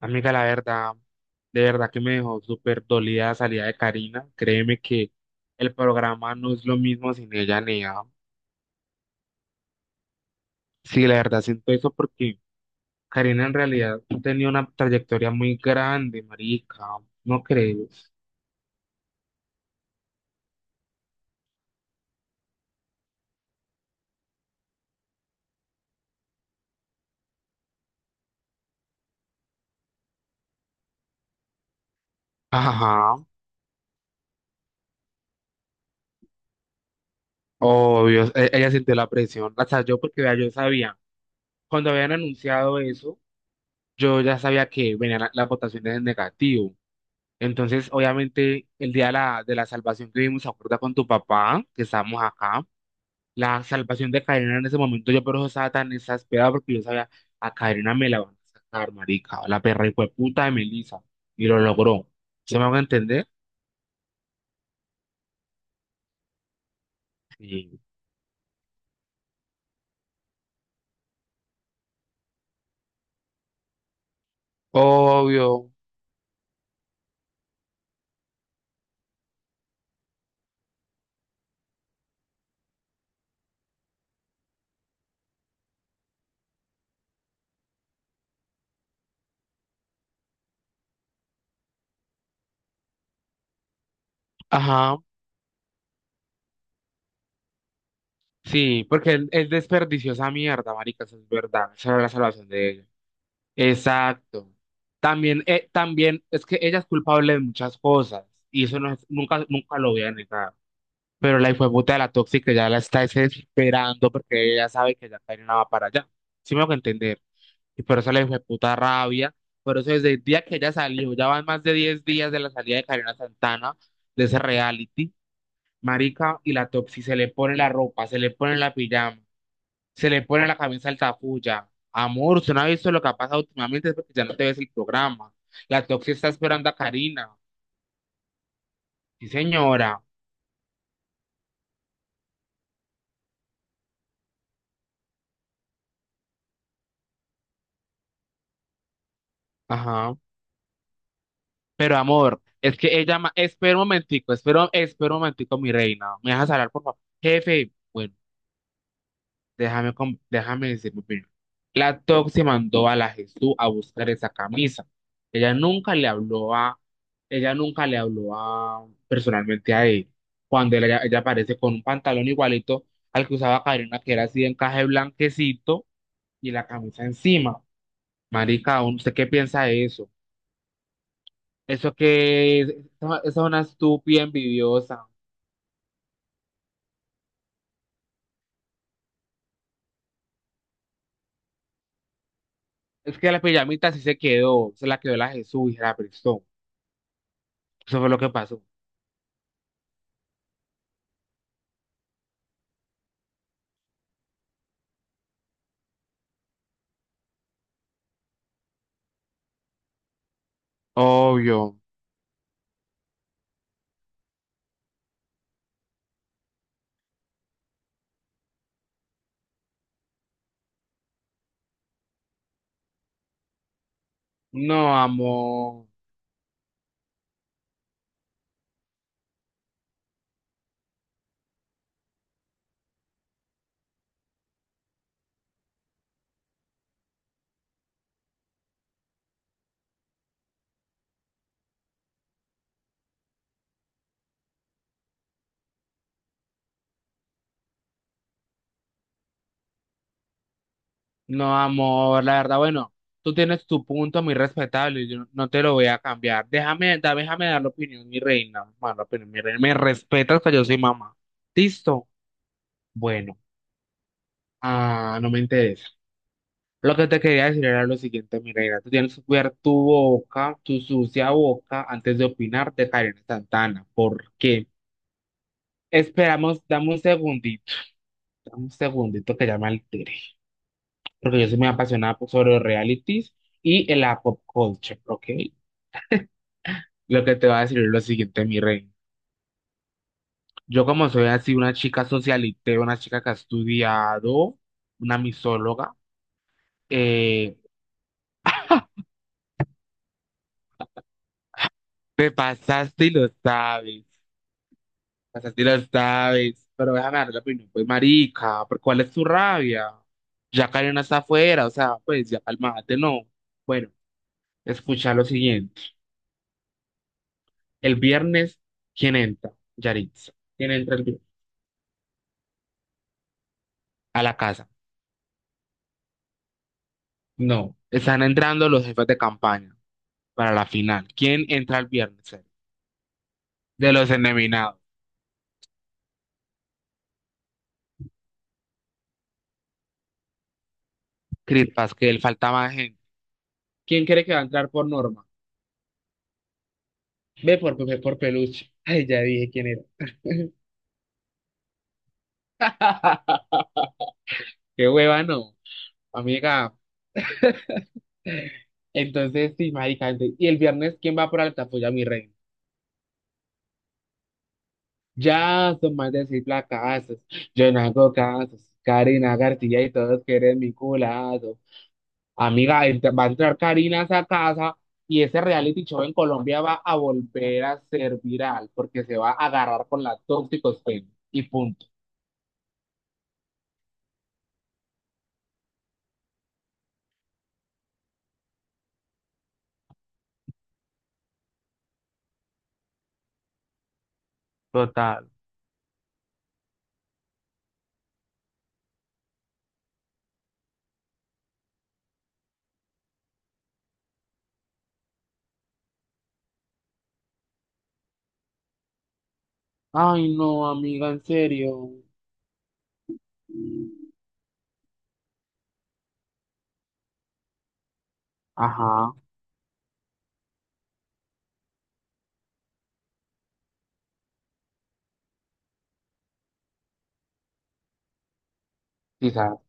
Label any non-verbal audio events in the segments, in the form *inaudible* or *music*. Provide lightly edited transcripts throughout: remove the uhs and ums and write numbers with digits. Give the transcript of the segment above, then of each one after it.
Amiga, la verdad, de verdad que me dejó súper dolida la salida de Karina. Créeme que el programa no es lo mismo sin ella ni ella. Sí, la verdad siento eso porque Karina en realidad tenía una trayectoria muy grande, marica, ¿no crees? Ajá, obvio, ella sintió la presión. O sea, yo porque vea, yo sabía, cuando habían anunciado eso, yo ya sabía que venían las votaciones en negativo. Entonces, obviamente, el día de la salvación que vimos, ¿se acuerda con tu papá? Que estábamos acá. La salvación de Karina en ese momento, yo por eso estaba tan exasperado porque yo sabía, a Karina me la van a sacar, marica, la perra y puta de Melissa, y lo logró. ¿Se me van a entender? Sí. Obvio, ajá, sí, porque él desperdició esa mierda, marica, eso es verdad, esa era la salvación de ella. Exacto. También, es que ella es culpable de muchas cosas, y eso no es- nunca, nunca lo voy a negar. Pero la hijueputa de la tóxica ya la está desesperando porque ella sabe que ya Karina va para allá. Sí me hago entender. Y por eso la hijueputa rabia. Por eso desde el día que ella salió, ya van más de 10 días de la salida de Karina Santana, de ese reality, marica, y la toxi se le pone la ropa, se le pone la pijama, se le pone la camisa altafulla. Amor, usted no ha visto lo que ha pasado últimamente, es porque ya no te ves el programa. La toxi está esperando a Karina. Sí, señora. Ajá. Pero amor, es que ella, espera un momentico, espera un momentico, mi reina. ¿Me dejas hablar, por favor? Jefe, bueno, déjame decir mi opinión. La Toxi mandó a la Jesús a buscar esa camisa. Ella nunca le habló a, Ella nunca le habló a, personalmente a él. Ella aparece con un pantalón igualito al que usaba Karina, que era así de encaje blanquecito y la camisa encima. Marica, ¿usted qué piensa de eso? Eso que es, esa esa es una estúpida envidiosa. Es que la pijamita sí se quedó, se la quedó la Jesús y se la prestó. Eso fue lo que pasó. Obvio. No, amor. No, amor. La verdad, bueno, tú tienes tu punto muy respetable. Yo no te lo voy a cambiar. Déjame dar la opinión, mi reina. Bueno, la opinión, mi reina. Me respetas que yo soy mamá. ¿Listo? Bueno. Ah, no me interesa. Lo que te quería decir era lo siguiente, Mireia, tú tienes que cuidar tu boca, tu sucia boca, antes de opinar de Karen Santana, porque esperamos, dame un segundito que ya me altere, porque yo soy muy apasionada sobre los realities y el la pop culture, ¿ok? Lo que te voy a decir es lo siguiente, mi rey. Yo como soy así una chica socialite, una chica que ha estudiado, una misóloga, eh, te pasaste y lo sabes. Esa sí la sabes, pero déjame darle la opinión. Pues, marica, ¿por cuál es tu rabia? Ya Karen está afuera, o sea, pues ya calmate, no. Bueno, escucha lo siguiente. El viernes, ¿quién entra? Yaritza. ¿Quién entra el viernes? A la casa. No, están entrando los jefes de campaña para la final. ¿Quién entra el viernes? ¿Sergio? De los endeminados. Chris Pasquel, falta más gente. ¿Quién cree que va a entrar por Norma? Ve por peluche. Ay, ya dije quién era. *laughs* Qué hueva, no. Amiga. Entonces, sí, marica, y el viernes, ¿quién va por alta? Pues ya mi rey. Ya son más de seis placazos, yo no hago casos, Karina García y todos quieren mi culazo. Amiga, va a entrar Karina a esa casa y ese reality show en Colombia va a volver a ser viral porque se va a agarrar con la tóxicos y punto. Total. Ay, no, amiga, en serio. Ajá, quizás.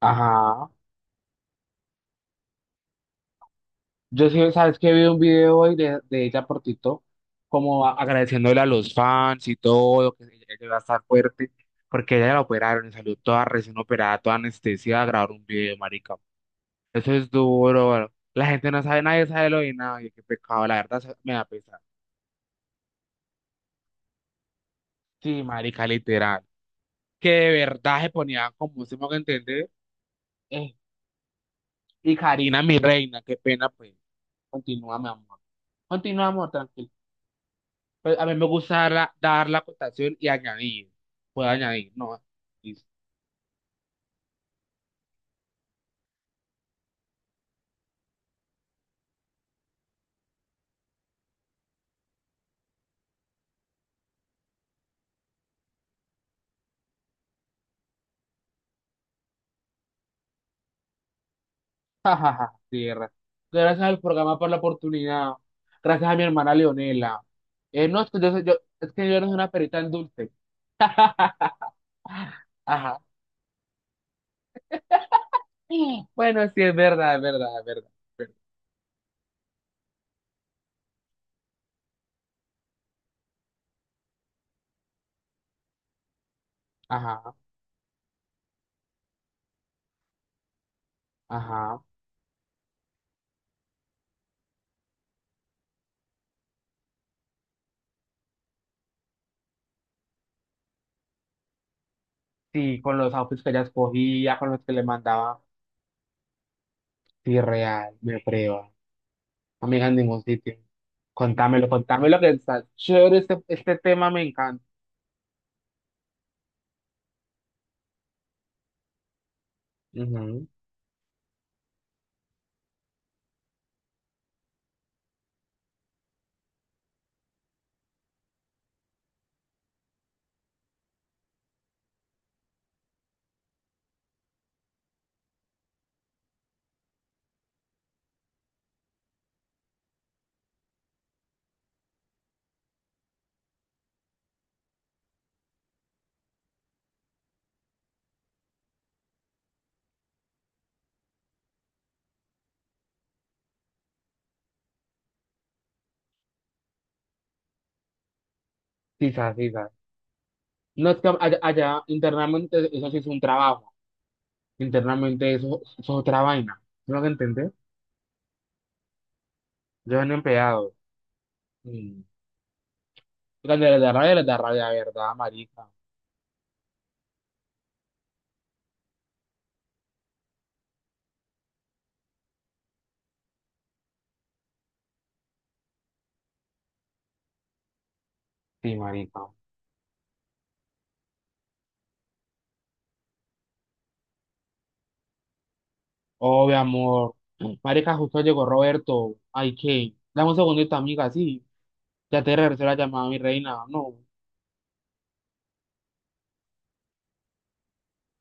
Ajá. Yo sí, sabes que vi un video hoy de ella por TikTok, como agradeciéndole a los fans y todo, que ella iba a estar fuerte, porque ella la operaron y salió toda recién operada, toda anestesia a grabar un video, marica. Eso es duro, bro. La gente no sabe, nadie sabe lo de nadie, qué pecado, la verdad eso me da pesar. Sí, marica, literal. Que de verdad se ponía como se me hago entender. eh, y Karina, mi reina, qué pena, pues. Continúa, mi amor. Continúa, amor, tranquilo. Pues a mí me gusta dar la cotación y añadir. Puedo añadir, ¿no? Listo. *laughs* Ja, ja, ja, tierra. Gracias al programa por la oportunidad. Gracias a mi hermana Leonela. No, es que yo no soy una perita en dulce. *laughs* Ajá. Bueno, sí, es verdad, es verdad, es verdad. Es verdad. Ajá, ajá. Sí, con los outfits que ella escogía, con los que le mandaba. Sí, real, me prueba. Amiga, en ningún sitio. Contámelo que está chévere este tema, me encanta. Ujú. Quizás, quizás. No es que allá internamente eso sí es un trabajo. Internamente eso es otra vaina. ¿No lo que entendés? Yo soy un empleado. Mm. Cuando les da rabia, ¿verdad, marica? Sí, marica. Oh, mi amor. Marica, justo llegó Roberto. Ay, ¿qué? Dame un segundito, amiga, sí. Ya te regresé la llamada, mi reina. No.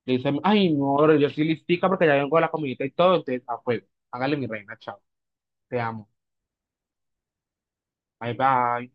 Le dice, ay, no, ahora yo soy listica porque ya vengo de la comidita y todo, entonces, a fuego. Hágale mi reina, chao. Te amo. Bye, bye.